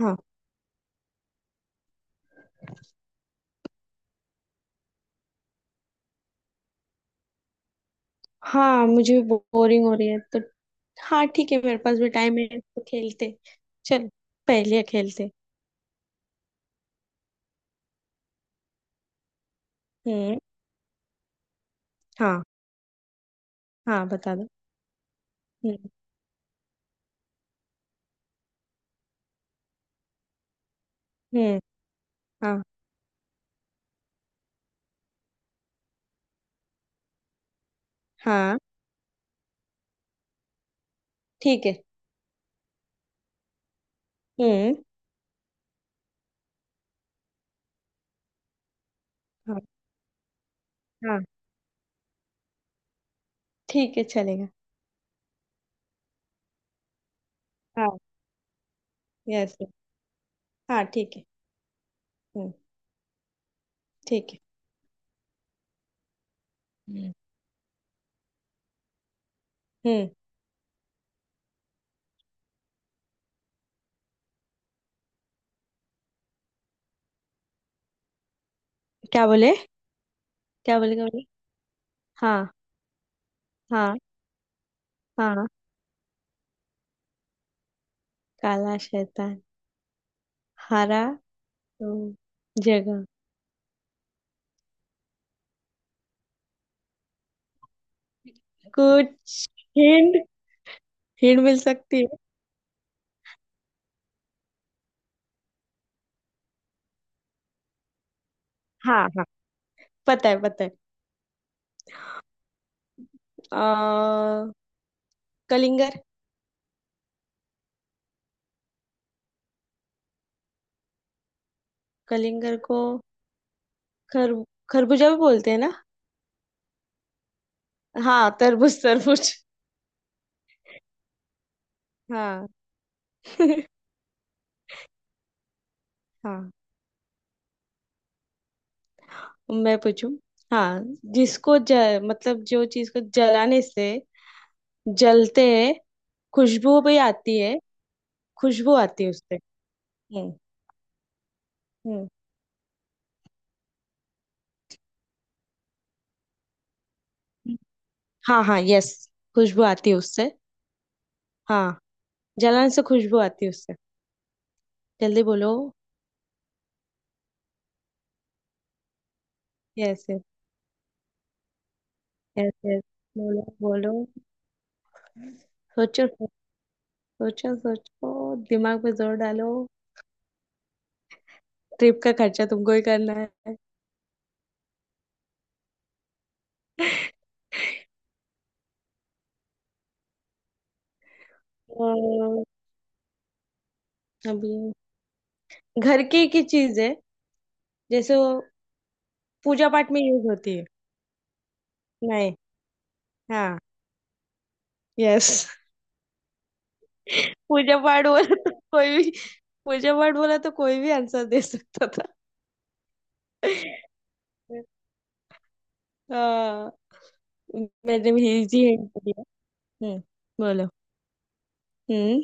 हाँ। हाँ, मुझे बोरिंग हो रही है तो। हाँ ठीक है, मेरे पास भी टाइम है तो खेलते। चल, पहले खेलते। हम्म। हाँ। हाँ बता दो। हम्म। हम्म। हाँ। हाँ ठीक है। हम्म। हाँ। हाँ ठीक है चलेगा। हाँ, यस। हाँ ठीक है। हम्म, ठीक है। हम्म। हम्म, क्या बोले? क्या बोले? क्या बोले? हाँ। हाँ। हाँ, काला शैतान। हरा तो जगह, कुछ हिंट। हिंट मिल सकती है? हाँ। हाँ, पता है पता है। आ, कलिंगर कलिंगर को। खर खरबूजा भी बोलते हैं ना? हाँ, तरबूज तरबूज। हाँ। हाँ, मैं पूछूं? हाँ। जिसको ज, मतलब जो चीज को जलाने से जलते हैं। खुशबू भी आती है। खुशबू आती है उससे। हम्म। हम्म। हाँ हाँ, यस। खुशबू आती है उससे। हाँ, जलाने से खुशबू आती है उससे। जल्दी बोलो। Yes yes yes. बोलो बोलो। सोचो सोचो सोचो। दिमाग पे जोर डालो। ट्रिप का खर्चा तुमको ही करना है। और अभी घर की चीज है। जैसे वो पूजा पाठ में यूज होती है। नहीं। हाँ, यस। पूजा पाठ बोला तो कोई भी। पूजा पाठ बोला तो कोई भी आंसर दे सकता था। हाँ, मैंने भी इजी हिंट दिया। हम्म, बोलो। हम्म।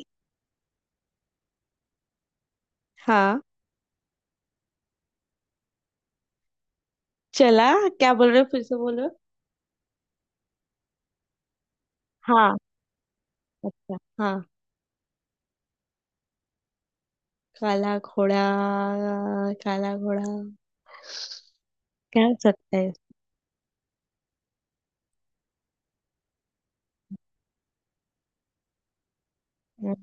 हाँ, चला। क्या बोल रहे हो, फिर से बोलो। हाँ। अच्छा, हाँ। काला घोड़ा। काला घोड़ा, क्या हो सकता है इसमें?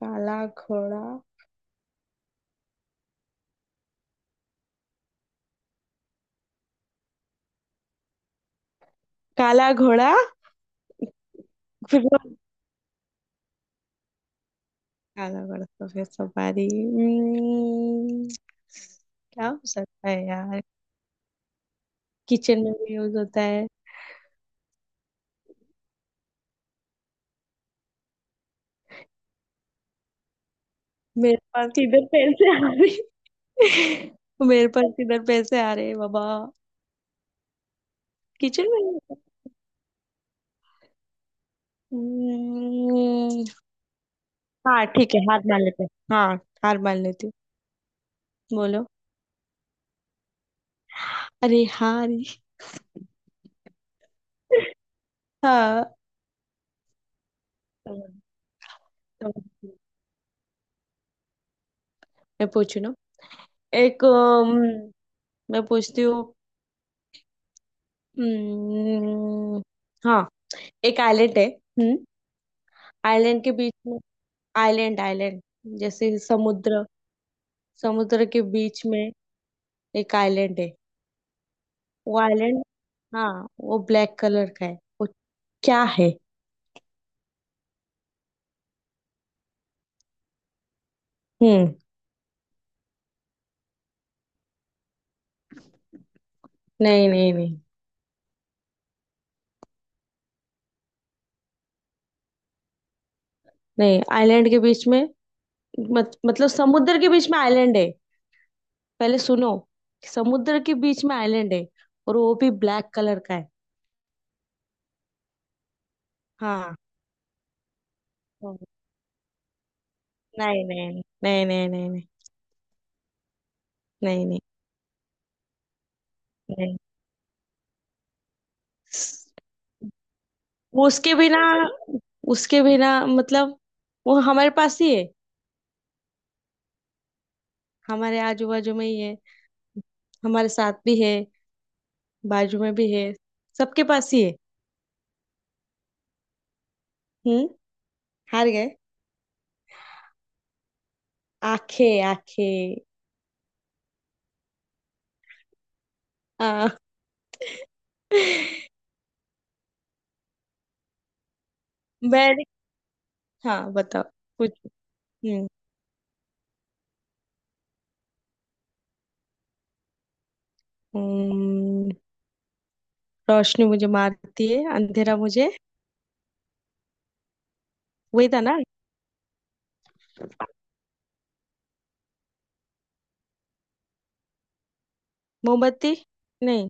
काला घोड़ा। काला घोड़ा तो। फिर वो- काला घोड़ा सफेद सवारी। क्या हो सकता है यार? किचन में भी यूज होता है। मेरे पास इधर पैसे आ रहे। मेरे पास इधर पैसे आ रहे बाबा। किचन में use होता है। हम्म, हाँ ठीक है, हार मान लेते हैं। हाँ, हार मान लेती हूँ। बोलो। अरे, हार। हाँ। तो- तो- मैं पूछू ना? एक, मैं पूछती हूँ। हम्म, हाँ, एक आइलैंड है। हम्म। आइलैंड के बीच में आइलैंड आइलैंड। जैसे समुद्र। समुद्र के बीच में एक आइलैंड है। वो आइलैंड। हाँ, वो ब्लैक कलर का है। वो क्या है? हम्म। नहीं नहीं नहीं। नहीं, आइलैंड के बीच में। मत, मतलब समुद्र के बीच में आइलैंड है। पहले सुनो। समुद्र के बीच में आइलैंड है और वो भी ब्लैक कलर का है। हाँ। हाँ। नहीं नहीं नहीं नहीं। नहीं नहीं नहीं नहीं। Yes. वो उसके बिना। उसके बिना मतलब। वो हमारे पास ही है। हमारे आजू बाजू में ही है। हमारे साथ भी है। बाजू में भी है। सबके पास ही है। हम्म। हार गए। आंखें आंखें। हाँ। मैं। हाँ, बताओ। कुछ। हम्म। हम्म, रोशनी मुझे मारती है, अंधेरा मुझे। वही था ना? मोमबत्ती। नहीं।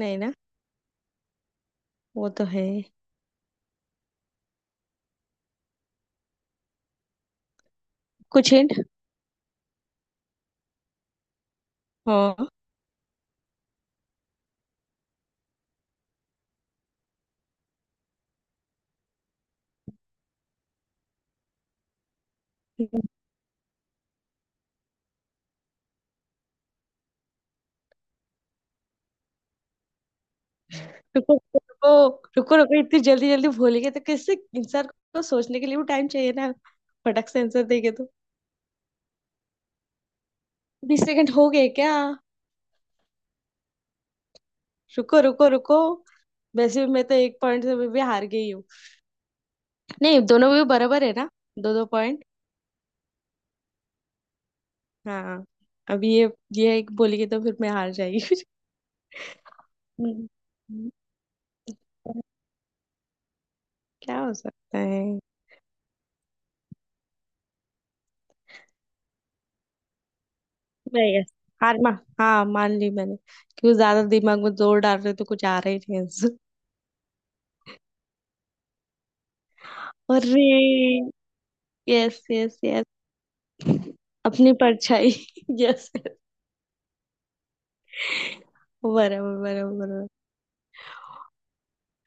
नहीं ना। वो तो है। कुछ हिंट। हाँ। रुको रुको। रुको रुको। इतनी जल्दी जल्दी भूल गए तो किससे? इंसान को सोचने के लिए भी टाइम चाहिए ना? फटक से आंसर देंगे तो। 20 सेकंड हो गए क्या? रुको रुको रुको। वैसे भी मैं तो एक पॉइंट से भी हार गई हूँ। नहीं, दोनों भी बराबर है ना। दो दो पॉइंट। हाँ। अब ये। ये एक बोलेगी तो फिर मैं हार जाएगी। हम्म। हम्म, क्या हो सकता है? मैं यस। हार मा हाँ, मान ली मैंने। क्यों ज्यादा दिमाग में जोर डाल रहे हो तो कुछ आ रहा ही नहीं आंसर। अरे, यस यस यस। अपनी परछाई। यस। बराबर बराबर बराबर।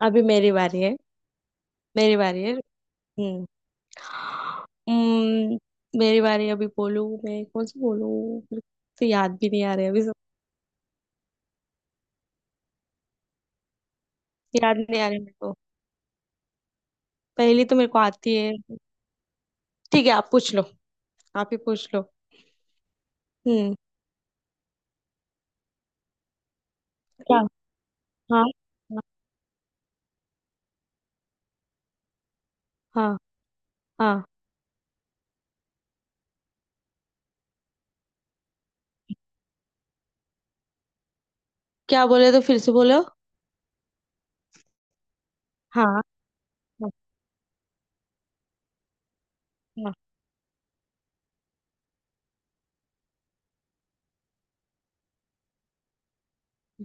अभी मेरी बारी है। मेरी बारी है। हम्म। हम्म, मेरी बारी अभी बोलूं? मैं कौन सी बोलूं? मेरे को तो याद भी नहीं आ रहे अभी सब। याद नहीं आ रहे मेरे को। पहली तो मेरे को आती है। ठीक है, आप पूछ लो। आप ही पूछ लो। हम्म। क्या? हाँ। हाँ। हाँ। हाँ। क्या बोले, तो फिर से बोलो। हाँ। हाँ। हाँ।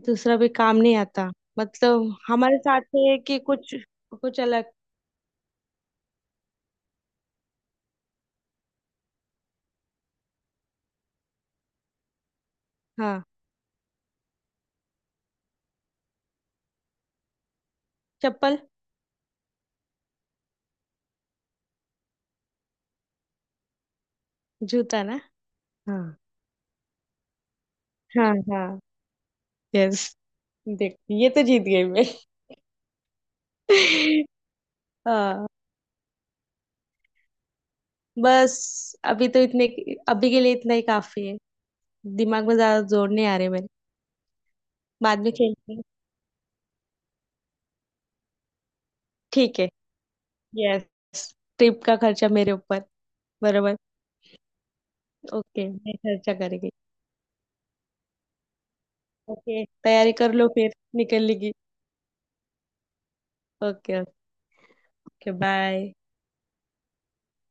दूसरा भी काम नहीं आता मतलब? हमारे साथ है कि कुछ। कुछ अलग। हाँ। चप्पल। जूता ना? हाँ। हाँ हाँ, यस। देख, ये तो जीत गई मैं। हाँ। बस अभी तो इतने। अभी के लिए इतना ही काफी है। दिमाग में ज्यादा जोर नहीं आ रहे मेरे। बाद में खेलते हैं। ठीक है। यस। ट्रिप का खर्चा मेरे ऊपर। बराबर। ओके, मैं खर्चा करेगी। ओके, तैयारी कर लो फिर निकलने की। ओके। Okay, bye.